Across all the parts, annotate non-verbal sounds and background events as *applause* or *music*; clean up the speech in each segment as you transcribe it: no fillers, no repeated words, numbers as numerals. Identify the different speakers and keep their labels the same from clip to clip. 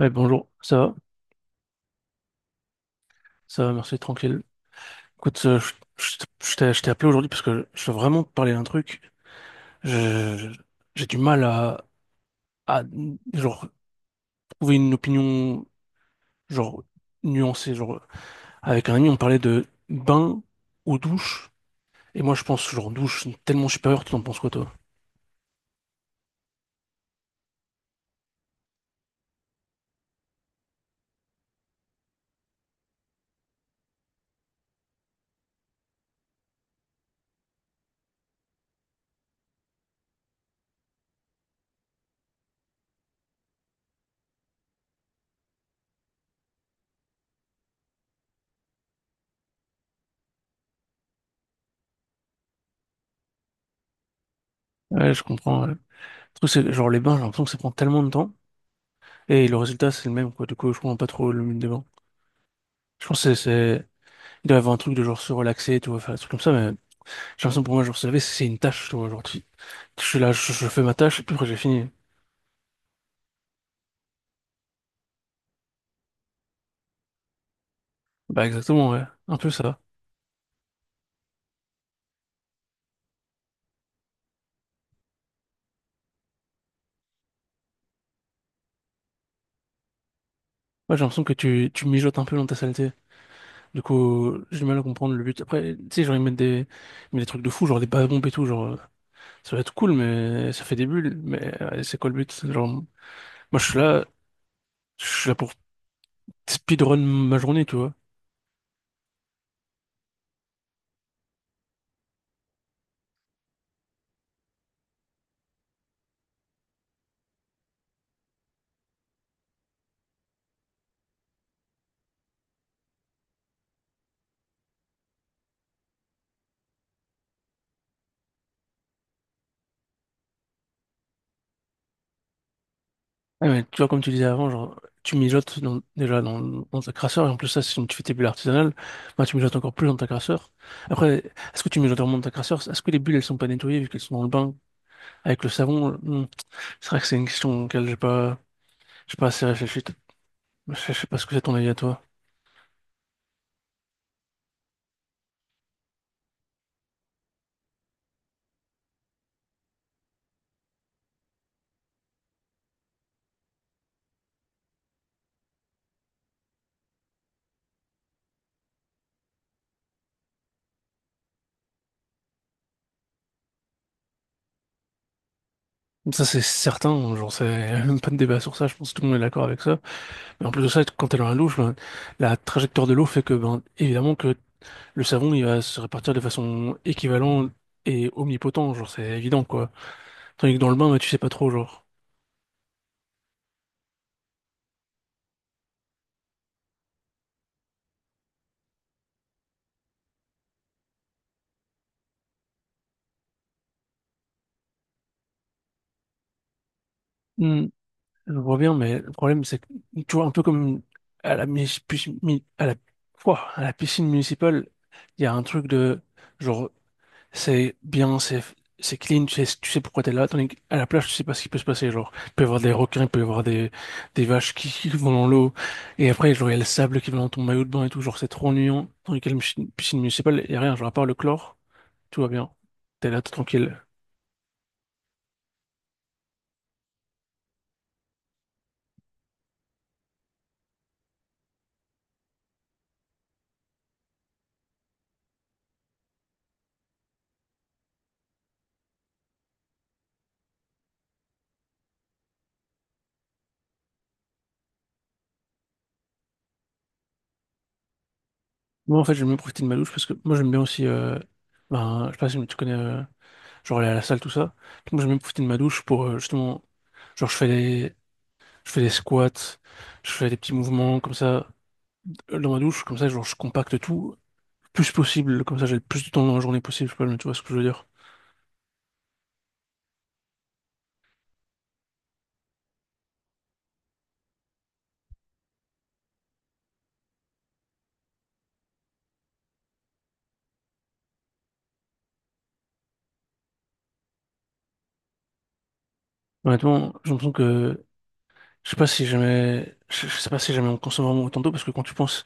Speaker 1: Ouais, bonjour, ça va? Ça va, merci, tranquille. Écoute, je, je t'ai appelé aujourd'hui parce que je veux vraiment te parler d'un truc. Je- J'ai du mal à, à, genre, trouver une opinion, genre, nuancée. Genre, avec un ami, on parlait de bain ou douche. Et moi, je pense, genre, douche tellement supérieure, tu en penses quoi, toi? Ouais, je comprends. Le truc, c'est que, genre les bains, j'ai l'impression que ça prend tellement de temps. Et le résultat, c'est le même, quoi. Du coup, je comprends pas trop le but des bains. Je pense que il doit y avoir un truc de genre se relaxer, tu vois, faire des trucs comme ça, mais j'ai l'impression pour moi, genre se laver, c'est une tâche, tu vois. Je suis là, je fais ma tâche, et puis après, j'ai fini. Bah, exactement, ouais. Un peu ça. Ouais, j'ai l'impression que tu mijotes un peu dans ta saleté. Du coup, j'ai du mal à comprendre le but. Après, tu sais, genre, ils mettent des trucs de fou, genre des bains bombes et tout, genre, ça va être cool, mais ça fait des bulles, mais c'est quoi le but? Genre, moi, je suis là pour speedrun ma journée, tu vois. Ouais, mais tu vois, comme tu disais avant, genre, tu mijotes dans- déjà dans, dans ta crasseur, et en plus, ça, si tu fais tes bulles artisanales, bah, tu mijotes encore plus dans ta crasseur. Après, est-ce que tu mijotes vraiment dans ta crasseur? Est-ce que les bulles, elles sont pas nettoyées vu qu'elles sont dans le bain avec le savon? Hmm. C'est vrai que c'est une question auquel j'ai pas assez réfléchi. Je sais pas ce que c'est ton avis à toi. Ça, c'est certain, genre, c'est *laughs* même pas de débat sur ça, je pense que tout le monde est d'accord avec ça. Mais en plus de ça, quand elle a un louche, ben, la trajectoire de l'eau fait que, ben, évidemment, que le savon, il va se répartir de façon équivalente et omnipotent, genre, c'est évident, quoi. Tandis que dans le bain, ben, tu sais pas trop, genre. Hmm, je vois bien, mais le problème, c'est que, tu vois, un peu comme à la, mis- pis- mi- à la, Ouah, à la piscine municipale, il y a un truc de, genre, c'est bien, c'est clean, tu sais pourquoi t'es là. Tandis qu'à la plage, tu sais pas ce qui peut se passer. Genre, il peut y avoir des requins, il peut y avoir des vaches qui, *laughs* qui vont dans l'eau. Et après, genre, il y a le sable qui va dans ton maillot de bain et tout. Genre, c'est trop ennuyant. Tandis qu'à la piscine municipale, il y a rien. Genre, à part le chlore, tout va bien. T'es là, t'es tranquille. Moi, en fait, j'aime bien profiter de ma douche parce que moi, j'aime bien aussi, ben, je sais pas si tu connais, genre, aller à la salle, tout ça. Donc, moi, j'aime bien profiter de ma douche pour, justement, genre, je fais des squats, je fais des petits mouvements comme ça. Dans ma douche, comme ça, genre, je compacte tout, le plus possible, comme ça, j'ai le plus de temps dans la journée possible, je sais pas, mais tu vois ce que je veux dire. Honnêtement, j'ai l'impression que, je sais pas si jamais on consomme vraiment autant d'eau, parce que quand tu penses,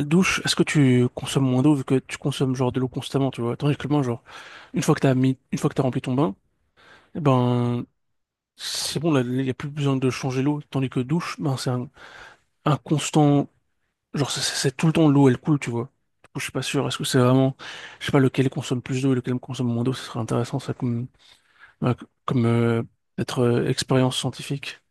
Speaker 1: douche, est-ce que tu consommes moins d'eau, vu que tu consommes, genre, de l'eau constamment, tu vois, tandis que le bain, genre, une fois que t'as rempli ton bain, eh ben, c'est bon, là, il y a plus besoin de changer l'eau, tandis que douche, ben, un constant. Genre, c'est tout le temps l'eau, elle coule, tu vois. Du coup, je suis pas sûr. Est-ce que c'est vraiment, je sais pas, lequel consomme plus d'eau et lequel consomme moins d'eau, ce serait intéressant, ça, comme, voilà, comme être expérience scientifique.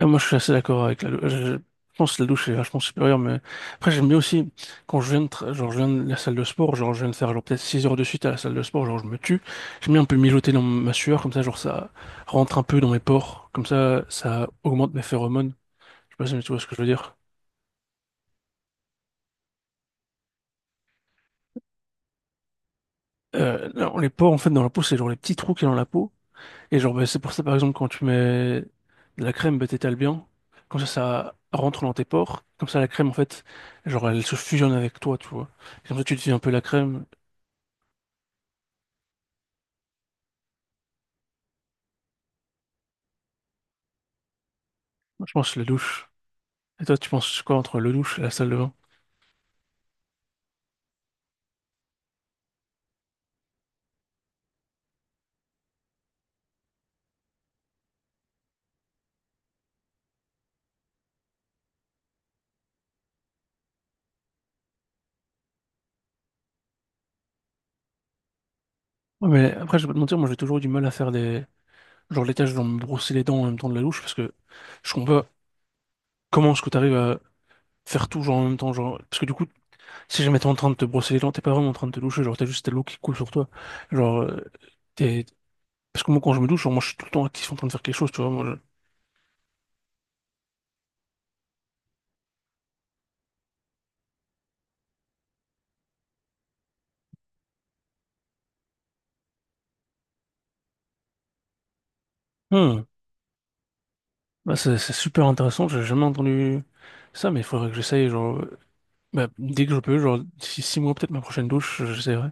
Speaker 1: Et moi, je suis assez d'accord avec la douche. Je pense que la douche est vachement supérieure, mais après, j'aime bien aussi, quand je viens de, genre, je viens de la salle de sport, genre, je viens de faire, genre, peut-être 6 heures de suite à la salle de sport, genre, je me tue. J'aime bien un peu mijoter dans ma sueur, comme ça, genre, ça rentre un peu dans mes pores. Comme ça augmente mes phéromones. Je sais pas si tu vois ce que je veux dire. Non, les pores, en fait, dans la peau, c'est genre les petits trous qu'il y a dans la peau. Et genre, bah, c'est pour ça, par exemple, quand tu mets de la crème, bah, t'étales bien. Comme ça rentre dans tes pores. Comme ça, la crème, en fait, genre, elle se fusionne avec toi, tu vois. Et comme ça, tu deviens un peu la crème. Moi, je pense la douche. Et toi, tu penses quoi entre le douche et la salle de bain? Ouais, mais après, je vais pas te mentir, moi j'ai toujours eu du mal à faire des. Genre les tâches, genre me brosser les dents en même temps de la louche, parce que je comprends pas comment est-ce que t'arrives à faire tout genre en même temps, genre. Parce que du coup, si jamais t'es en train de te brosser les dents, t'es pas vraiment en train de te doucher, genre t'as juste ta l'eau qui coule sur toi. Genre, t'es. Parce que moi quand je me douche, genre, moi je suis tout le temps actif en train de faire quelque chose, tu vois. Hmm. Bah, c'est super intéressant, j'ai jamais entendu ça, mais il faudrait que j'essaye, genre. Bah, dès que je peux, genre d'ici 6 mois, peut-être ma prochaine douche, j'essaierai.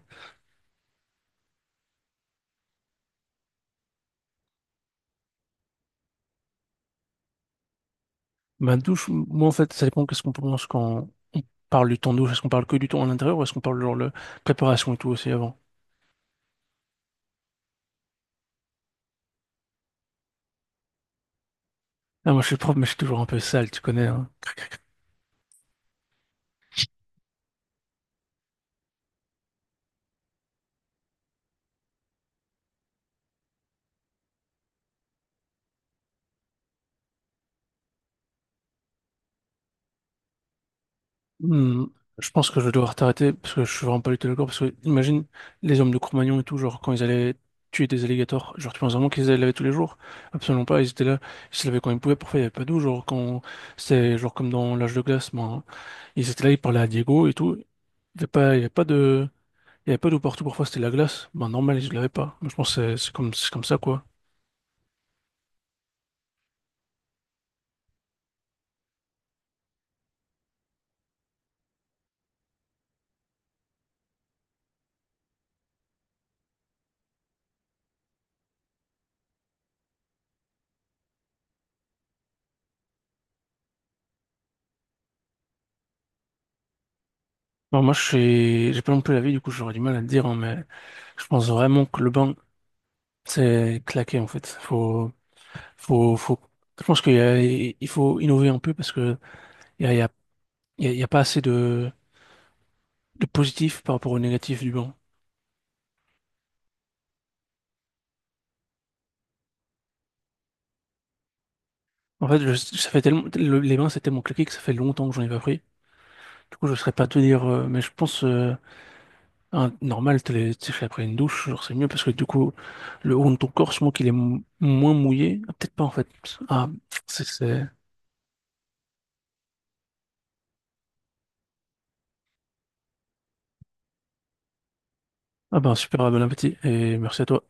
Speaker 1: Ma douche, moi en fait, ça dépend qu'est-ce qu'on pense quand on parle du temps douche. Est-ce qu'on parle que du temps à l'intérieur ou est-ce qu'on parle genre de préparation et tout aussi avant? Ah, moi je suis prof, mais je suis toujours un peu sale, tu connais. Hein. Cric, cric. Hmm, je pense que je vais devoir t'arrêter parce que je suis vraiment pas du tout d'accord. Parce que imagine les hommes de Cro-Magnon et tout, genre quand ils allaient tuer des alligators, genre tu penses vraiment qu'ils allaient les laver tous les jours? Absolument pas, ils étaient là, ils se lavaient quand ils pouvaient, parfois il n'y avait pas d'eau, genre quand c'était genre comme dans l'âge de glace, ben, ils étaient là, ils parlaient à Diego et tout. Il y avait pas de. Il n'y avait pas d'eau partout, parfois c'était la glace. Ben normal, je l'avais pas. Moi, je pense que c'est comme ça, quoi. Bon, j'ai pas non plus la vie, du coup, j'aurais du mal à le dire, hein, mais je pense vraiment que le bain, c'est claqué, en fait. Faut, je pense il faut innover un peu parce que il y a, il y a, il y a il y a pas assez de positif par rapport au négatif du bain. En fait, ça fait tellement, les bains, c'est tellement claqué que ça fait longtemps que j'en ai pas pris. Du coup, je saurais pas te dire, mais je pense, ah, normal, t'es fait après une douche, genre c'est mieux parce que du coup, le haut de ton corps, je pense qu'il est moins mouillé. Ah, peut-être pas en fait. Ah, c'est... c'est- ah ben super, bon appétit et merci à toi.